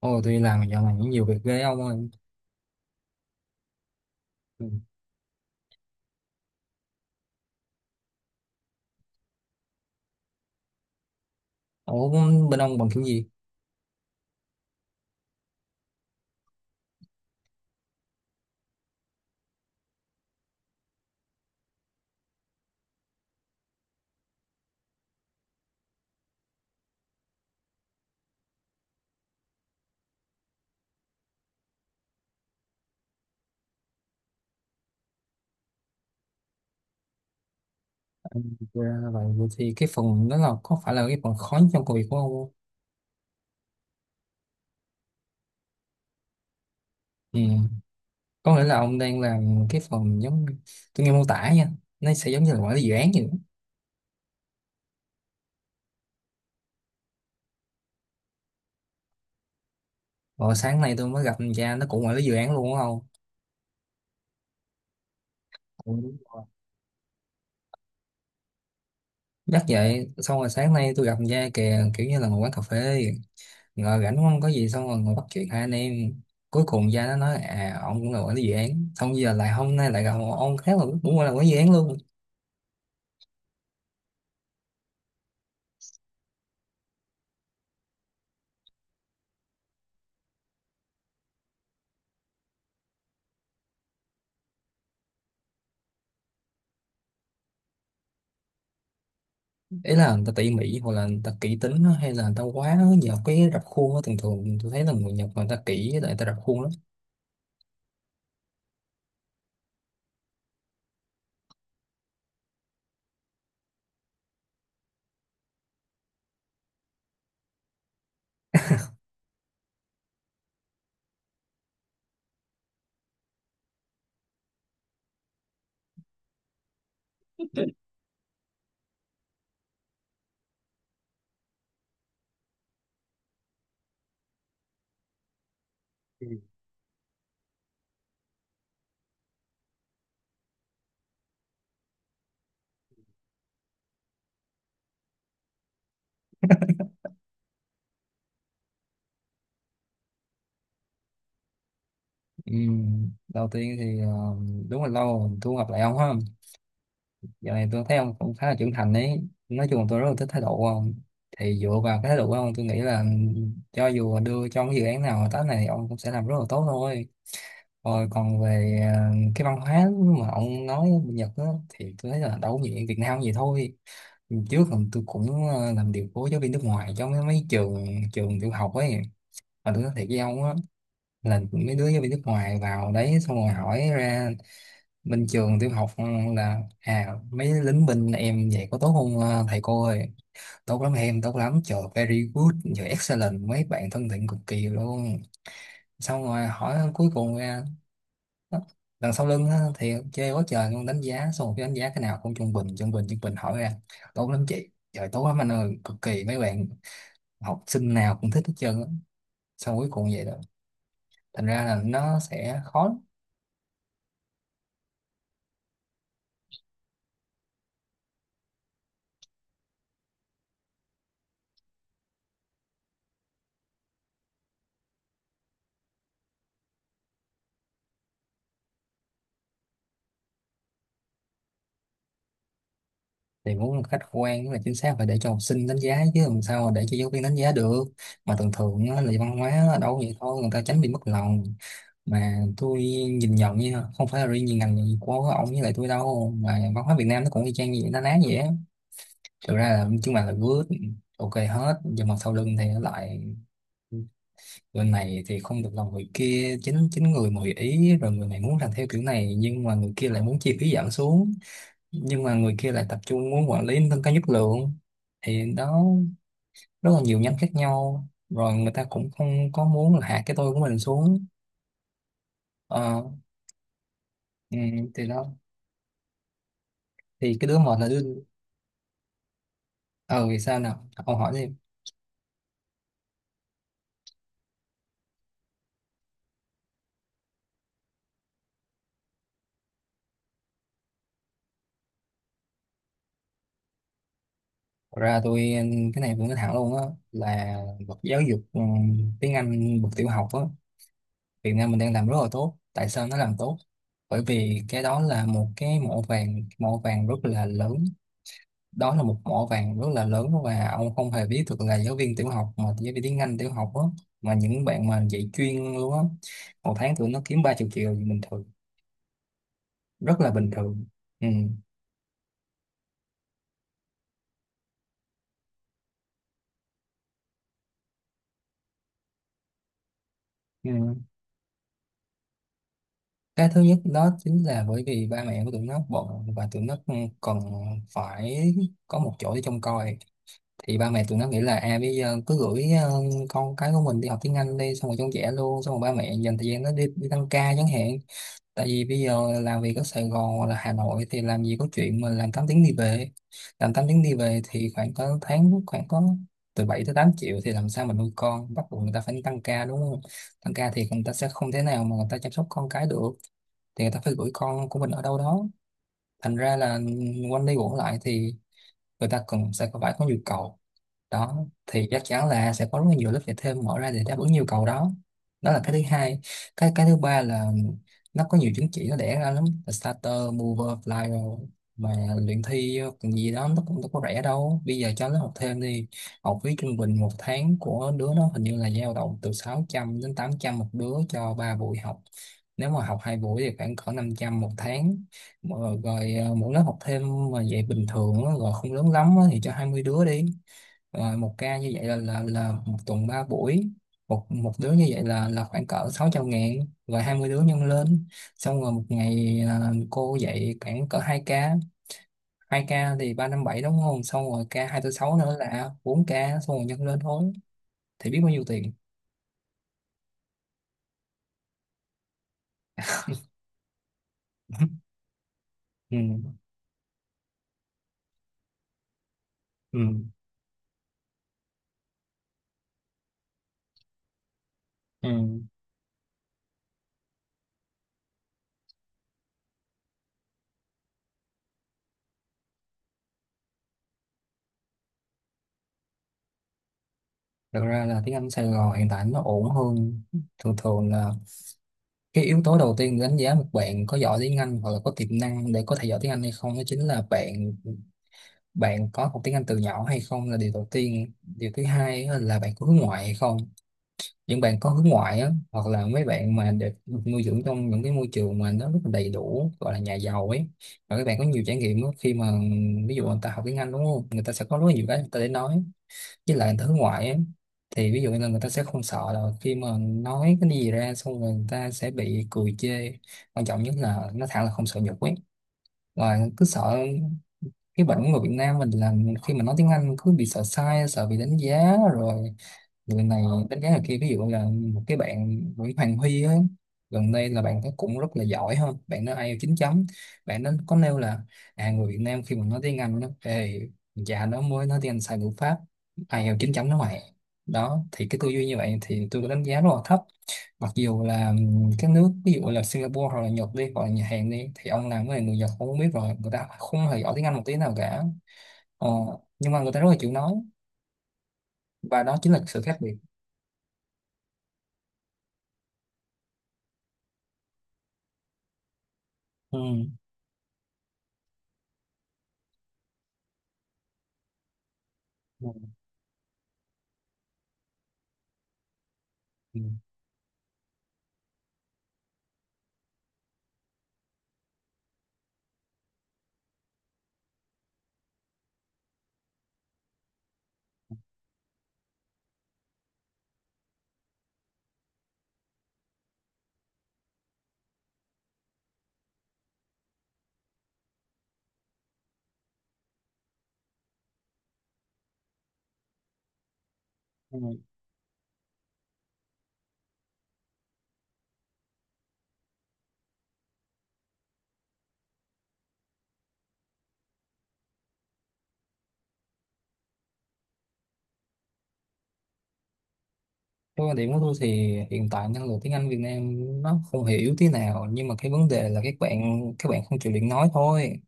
Ồ, tôi đi làm dạo này những nhiều việc ghê ông ơi. Ừ. Ủa, bên ông bằng kiểu gì? Ra là Vậy Vậy thì cái phần đó là có phải là cái phần khó nhất trong công việc của ông không? Ừ. Có nghĩa là ông đang làm cái phần giống tôi nghe mô tả nha. Nó sẽ giống như là quản lý dự án vậy. Rồi sáng nay tôi mới gặp thằng cha nó cũng quản lý dự án luôn đúng không? Ừ, đúng rồi. Nhắc vậy, xong rồi sáng nay tôi gặp thằng cha kìa kiểu như là một quán cà phê, ngồi rảnh không có gì xong rồi ngồi bắt chuyện hai anh em. Cuối cùng gia nó nói à ông cũng là quản lý dự án, xong giờ lại hôm nay lại gặp một ông khác là cũng là quản lý dự án luôn. Ý là người ta tỉ mỉ hoặc là người ta kỹ tính á, hay là người ta quá nhờ cái rập khuôn á. Thường thường tôi thấy là người Nhật người ta kỹ với lại người ta rập khuôn lắm. Ừ. Đầu tiên thì đúng là lâu rồi tôi không gặp lại ông ha. Giờ này tôi thấy ông cũng khá là trưởng thành ấy. Nói chung là tôi rất là thích thái độ của ông. Thì dựa vào cái thái độ của ông tôi nghĩ là cho dù đưa cho cái dự án nào hợp tác này thì ông cũng sẽ làm rất là tốt thôi. Rồi còn về cái văn hóa mà ông nói bên Nhật á, thì tôi thấy là đâu có gì, Việt Nam gì thôi. Lần trước còn tôi cũng làm điều phối giáo viên nước ngoài trong mấy mấy trường trường tiểu học ấy. Mà tôi nói thiệt với ông á, là mấy đứa giáo viên nước ngoài vào đấy xong rồi hỏi ra bên trường tiểu học là à mấy lính binh em vậy có tốt không thầy cô ơi? Tốt lắm em, tốt lắm, trời very good, trời excellent, mấy bạn thân thiện cực kỳ luôn. Xong rồi hỏi cuối cùng ra. Đó. Đằng sau lưng á, thì chê quá trời luôn, đánh giá xong một cái đánh giá cái nào cũng trung bình trung bình trung bình. Hỏi ra tốt lắm chị, trời tốt lắm anh ơi, cực kỳ mấy bạn, học sinh nào cũng thích hết trơn á, xong cuối cùng vậy đó. Thành ra là nó sẽ khó lắm. Thì muốn một khách quan với là chính xác phải để cho học sinh đánh giá chứ làm sao mà để cho giáo viên đánh giá được. Mà thường thường á, là văn hóa ở đâu vậy thôi, người ta tránh bị mất lòng. Mà tôi nhìn nhận nha, không phải là riêng gì ngành của ông với lại tôi đâu, mà văn hóa Việt Nam nó cũng y chang như vậy, nó ná vậy á. Thực ra là chúng bạn là good, ok hết, nhưng mà sau lưng thì nó lại người này thì không được lòng người kia. Chính chính người mà hội ý rồi người này muốn làm theo kiểu này, nhưng mà người kia lại muốn chi phí giảm xuống, nhưng mà người kia lại tập trung muốn quản lý nâng cao chất lượng. Thì đó, rất là nhiều nhánh khác nhau, rồi người ta cũng không có muốn là hạ cái tôi của mình xuống. ờ ừ, thì đó, thì cái đứa một là đứa ờ vì sao nào ông hỏi đi. Thật ra tôi, cái này tôi nói thẳng luôn á, là bậc giáo dục tiếng Anh bậc tiểu học á, Việt Nam mình đang làm rất là tốt. Tại sao nó làm tốt, bởi vì cái đó là một cái mỏ vàng, mỏ vàng rất là lớn. Đó là một mỏ vàng rất là lớn, và ông không hề biết được là giáo viên tiểu học, mà giáo viên tiếng Anh tiểu học á, mà những bạn mà dạy chuyên luôn á, một tháng tụi nó kiếm 30 triệu thì bình thường, rất là bình thường. Ừ. Ừ. Cái thứ nhất đó chính là bởi vì ba mẹ của tụi nó bận, và tụi nó cần phải có một chỗ để trông coi. Thì ba mẹ tụi nó nghĩ là à bây giờ cứ gửi con cái của mình đi học tiếng Anh đi, xong rồi trông trẻ luôn, xong rồi ba mẹ dành thời gian nó đi đi tăng ca chẳng hạn. Tại vì bây giờ làm việc ở Sài Gòn hoặc là Hà Nội thì làm gì có chuyện mà làm 8 tiếng đi về. Làm 8 tiếng đi về thì khoảng có tháng khoảng có từ 7 tới 8 triệu thì làm sao mà nuôi con, bắt buộc người ta phải tăng ca đúng không. Tăng ca thì người ta sẽ không thể nào mà người ta chăm sóc con cái được, thì người ta phải gửi con của mình ở đâu đó. Thành ra là quanh đi quẩn lại thì người ta cần sẽ phải có nhu cầu đó, thì chắc chắn là sẽ có rất là nhiều lớp dạy thêm mở ra để đáp ứng nhu cầu đó. Đó là cái thứ hai. Cái thứ ba là nó có nhiều chứng chỉ nó đẻ ra lắm, là starter, mover, flyer mà luyện thi còn gì đó nó cũng đâu có rẻ đâu, bây giờ cho nó học thêm đi. Học phí trung bình một tháng của đứa nó hình như là dao động từ 600 đến 800 một đứa cho 3 buổi học. Nếu mà học hai buổi thì khoảng cỡ 500 một tháng. Mà rồi à, mỗi lớp học thêm mà dạy bình thường á, rồi không lớn lắm á, thì cho 20 đứa đi, rồi một ca như vậy là là một tuần 3 buổi. Một một đứa như vậy là khoảng cỡ 600 ngàn, rồi 20 đứa nhân lên. Xong rồi một ngày à, cô dạy khoảng cỡ 2 ca. Hai ca thì 357 đúng không, xong rồi ca hai tư sáu nữa là 4 ca, xong rồi nhân lên thôi, thì biết bao nhiêu tiền. Ừ. Ừ. Ừ. Thật ra là tiếng Anh Sài Gòn hiện tại nó ổn hơn. Thường thường là cái yếu tố đầu tiên để đánh giá một bạn có giỏi tiếng Anh hoặc là có tiềm năng để có thể giỏi tiếng Anh hay không, đó chính là bạn, bạn có học tiếng Anh từ nhỏ hay không là điều đầu tiên. Điều thứ hai á là bạn có hướng ngoại hay không. Những bạn có hướng ngoại á, hoặc là mấy bạn mà được được nuôi dưỡng trong những cái môi trường mà nó rất là đầy đủ, gọi là nhà giàu ấy, và các bạn có nhiều trải nghiệm á, khi mà ví dụ người ta học tiếng Anh đúng không, người ta sẽ có rất là nhiều cái người ta để nói. Với lại người ta hướng ngoại ấy, thì ví dụ như là người ta sẽ không sợ là khi mà nói cái gì ra xong rồi người ta sẽ bị cười chê. Quan trọng nhất là nó thẳng là không sợ nhục ấy, và cứ sợ. Cái bệnh của người Việt Nam mình là khi mà nói tiếng Anh cứ bị sợ sai, sợ bị đánh giá rồi, lần này đánh giá là kia. Ví dụ là một cái bạn Nguyễn Hoàng Huy á, gần đây là bạn ấy cũng rất là giỏi hơn bạn nó ai IELTS 9 chấm. Bạn nó có nêu là à người Việt Nam khi mà nói tiếng Anh nó ê, già nó mới nói tiếng Anh sai ngữ pháp ai IELTS 9 chấm nó mày. Đó thì cái tư duy như vậy thì tôi có đánh giá rất là thấp. Mặc dù là các nước ví dụ là Singapore hoặc là Nhật đi, hoặc là Nhật Hàn đi, thì ông làm với người Nhật ông cũng biết rồi, người ta không hề giỏi tiếng Anh một tí nào cả. ờ, nhưng mà người ta rất là chịu nói, và đó chính là sự khác biệt. Ừ. Ừ. Ừ. Cái quan điểm của tôi thì hiện tại năng lực tiếng Anh Việt Nam nó không hề yếu tí nào, nhưng mà cái vấn đề là các bạn không chịu luyện nói thôi.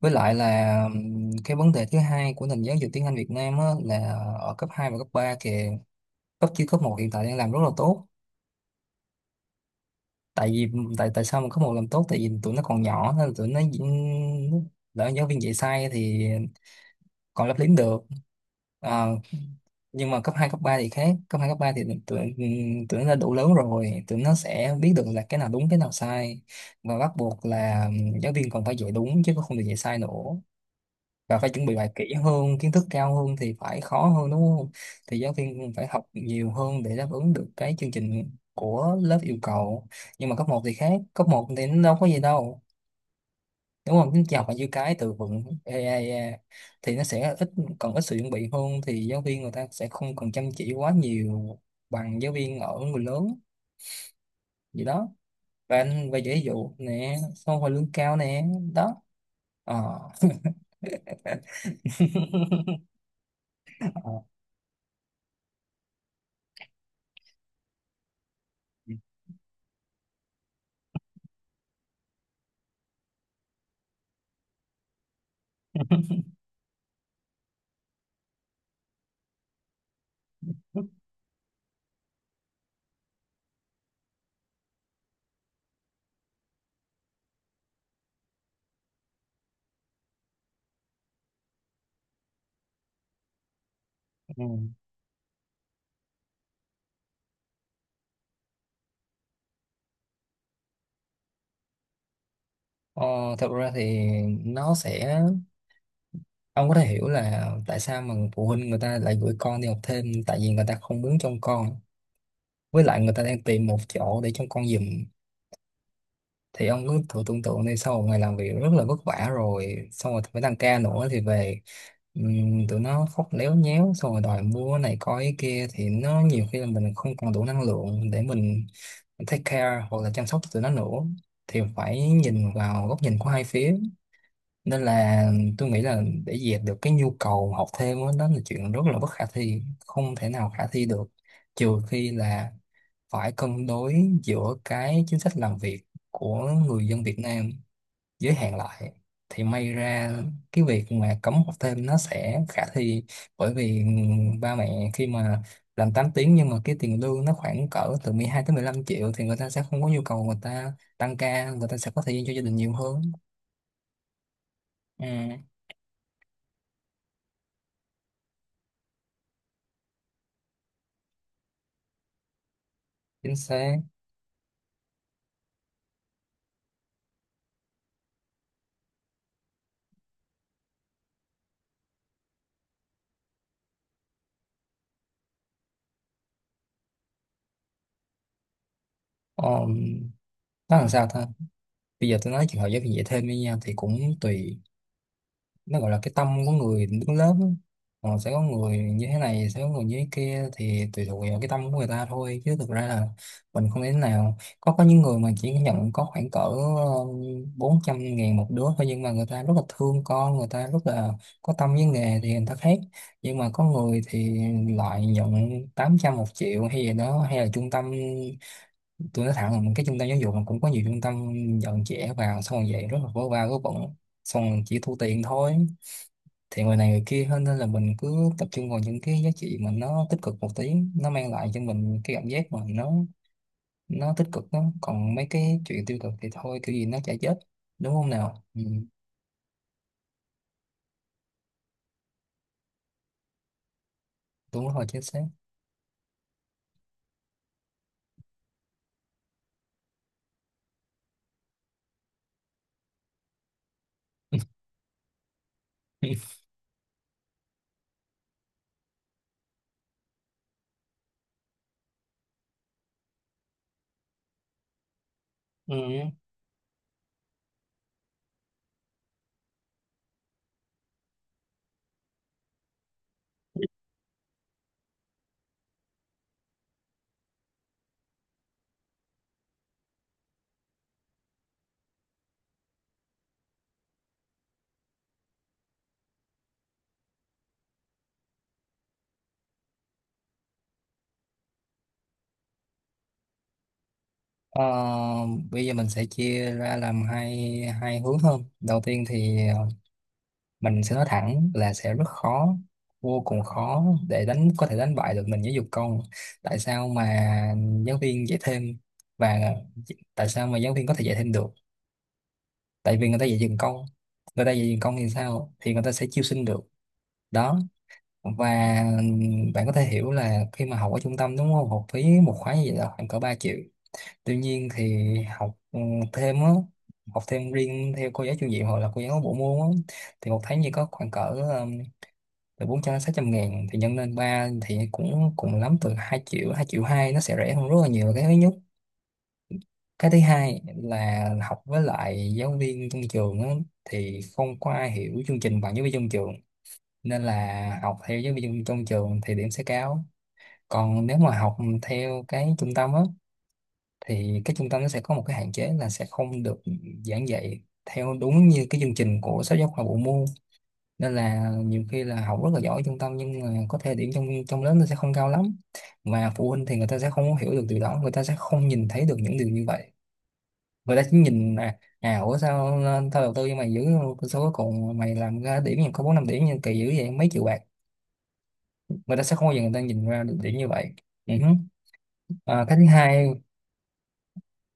Với lại là cái vấn đề thứ hai của nền giáo dục tiếng Anh Việt Nam á, là ở cấp 2 và cấp 3 kìa. Cấp chứ cấp một hiện tại đang làm rất là tốt. Tại vì, tại tại sao mà cấp một làm tốt? Tại vì tụi nó còn nhỏ nên là tụi nó diễn- lỡ giáo viên dạy sai thì còn lấp liếm được. À, nhưng mà cấp 2 cấp 3 thì khác. Cấp 2 cấp 3 thì tụi tụi nó đã đủ lớn rồi, tụi nó sẽ biết được là cái nào đúng cái nào sai, và bắt buộc là giáo viên còn phải dạy đúng chứ không được dạy sai nữa, và phải chuẩn bị bài kỹ hơn. Kiến thức cao hơn thì phải khó hơn, đúng không? Thì giáo viên cũng phải học nhiều hơn để đáp ứng được cái chương trình của lớp yêu cầu. Nhưng mà cấp một thì khác, cấp một thì nó đâu có gì đâu, đúng không? Chính chị học là như cái từ vựng AI thì nó sẽ ít, còn ít sự chuẩn bị hơn thì giáo viên người ta sẽ không cần chăm chỉ quá nhiều bằng giáo viên ở người lớn gì đó. Và anh về ví dụ nè, xong rồi lương cao nè, đó. Ờ. Ừ. Ờ, thật ra thì nó sẽ, ông có thể hiểu là tại sao mà phụ huynh người ta lại gửi con đi học thêm. Tại vì người ta không muốn trông con, với lại người ta đang tìm một chỗ để trông con giùm. Thì ông cứ thử tưởng tượng đi, sau một ngày làm việc rất là vất vả rồi xong rồi phải tăng ca nữa thì về, tụi nó khóc léo nhéo xong rồi đòi mua này coi cái kia, thì nó nhiều khi là mình không còn đủ năng lượng để mình take care hoặc là chăm sóc tụi nó nữa. Thì phải nhìn vào góc nhìn của hai phía, nên là tôi nghĩ là để dẹp được cái nhu cầu học thêm đó, đó là chuyện rất là bất khả thi, không thể nào khả thi được, trừ khi là phải cân đối giữa cái chính sách làm việc của người dân Việt Nam, giới hạn lại thì may ra cái việc mà cấm học thêm nó sẽ khả thi. Bởi vì ba mẹ khi mà làm 8 tiếng nhưng mà cái tiền lương nó khoảng cỡ từ 12 tới 15 triệu, thì người ta sẽ không có nhu cầu, người ta tăng ca, người ta sẽ có thời gian cho gia đình nhiều hơn. Ừ, chính xác. um, nó làm sao ta. Bây giờ tôi nói chuyện học giáo viên dạy thêm với nhau thì cũng tùy, nó gọi là cái tâm của người đứng lớp á. Ờ, sẽ có người như thế này, sẽ có người như thế kia, thì tùy thuộc vào cái tâm của người ta thôi, chứ thực ra là mình không thể nào. Có những người mà chỉ nhận có khoảng cỡ 400 ngàn một đứa thôi, nhưng mà người ta rất là thương con, người ta rất là có tâm với nghề, thì người ta khác. Nhưng mà có người thì lại nhận 800, 1 triệu hay gì đó, hay là trung tâm. Tôi nói thẳng là cái trung tâm giáo dục mà cũng có nhiều trung tâm nhận trẻ vào xong rồi vậy rất là vớ va vớ vẩn, xong rồi chỉ thu tiền thôi. Thì người này người kia hơn, nên là mình cứ tập trung vào những cái giá trị mà nó tích cực một tí, nó mang lại cho mình cái cảm giác mà nó tích cực đó, còn mấy cái chuyện tiêu cực thì thôi, kiểu gì nó chả chết, đúng không nào? Ừ, đúng rồi, chính xác. Ừ. Ờ, bây giờ mình sẽ chia ra làm hai hai hướng hơn. Đầu tiên thì mình sẽ nói thẳng là sẽ rất khó, vô cùng khó để đánh, có thể đánh bại được mình giáo dục công. Tại sao mà giáo viên dạy thêm và tại sao mà giáo viên có thể dạy thêm được? Tại vì người ta dạy dừng công. Người ta dạy dừng công thì sao? Thì người ta sẽ chiêu sinh được, đó. Và bạn có thể hiểu là khi mà học ở trung tâm, đúng không, học phí một khóa như vậy là khoảng cỡ 3 triệu. Tuy nhiên thì học thêm á, học thêm riêng theo cô giáo chủ nhiệm hoặc là cô giáo bộ môn á, thì một tháng chỉ có khoảng cỡ từ 400 600 ngàn, thì nhân lên 3 thì cũng cùng lắm từ 2 triệu, 2 triệu hai. Nó sẽ rẻ hơn rất là nhiều, là cái thứ nhất. Cái thứ hai là học với lại giáo viên trong trường á, thì không có ai hiểu chương trình bằng giáo viên trong trường, nên là học theo giáo viên trong trường thì điểm sẽ cao. Còn nếu mà học theo cái trung tâm á, thì cái trung tâm nó sẽ có một cái hạn chế là sẽ không được giảng dạy theo đúng như cái chương trình của sách giáo khoa bộ môn, nên là nhiều khi là học rất là giỏi ở trung tâm nhưng mà có thể điểm trong trong lớp nó sẽ không cao lắm. Mà phụ huynh thì người ta sẽ không có hiểu được điều đó, người ta sẽ không nhìn thấy được những điều như vậy. Người ta chỉ nhìn là à ủa sao, tao đầu tư cho mày giữ số, cuối cùng mày làm ra điểm nhưng có bốn năm điểm, nhưng kỳ dữ vậy mấy triệu bạc. Người ta sẽ không bao giờ người ta nhìn ra được điểm như vậy. Ừ. Hứ. À, cái thứ hai,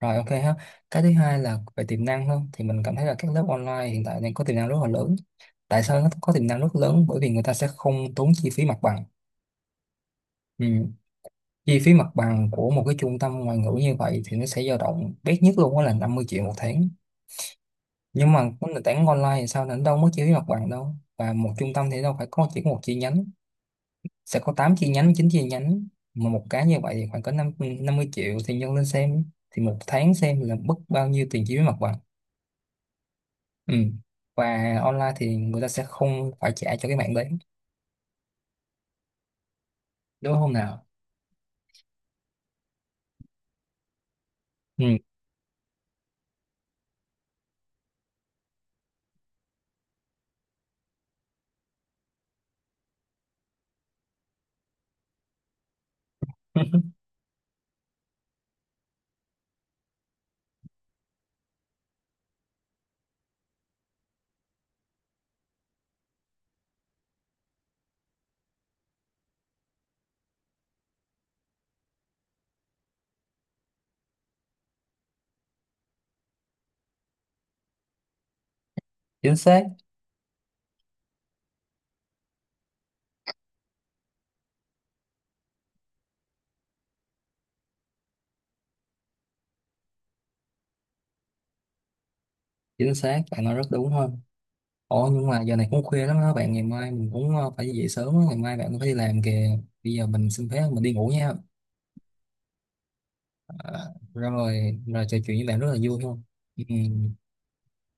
rồi ok ha. Cái thứ hai là về tiềm năng hơn, thì mình cảm thấy là các lớp online hiện tại đang có tiềm năng rất là lớn. Tại sao nó có tiềm năng rất lớn? Bởi vì người ta sẽ không tốn chi phí mặt bằng. Ừ. Chi phí mặt bằng của một cái trung tâm ngoại ngữ như vậy thì nó sẽ dao động bé nhất luôn, đó là 50 triệu một tháng. Nhưng mà cái nền tảng online thì sao, nó đâu mất chi phí mặt bằng đâu. Và một trung tâm thì đâu phải có chỉ có một chi nhánh, sẽ có 8 chi nhánh, 9 chi nhánh. Mà một cái như vậy thì khoảng có năm 50 triệu, thì nhân lên xem, thì một tháng xem là mất bao nhiêu tiền chi phí mặt bằng. Ừ. Và online thì người ta sẽ không phải trả cho cái mạng đấy, đúng không nào? Ừ. Chính xác. Bạn nói rất đúng hơn. Ồ, nhưng mà giờ này cũng khuya lắm đó bạn. Ngày mai mình cũng phải về sớm á. Ngày mai bạn cũng phải đi làm kìa. Bây giờ mình xin phép mình đi ngủ nha. Ờ, rồi, trò chuyện với bạn rất là vui, không, ừ.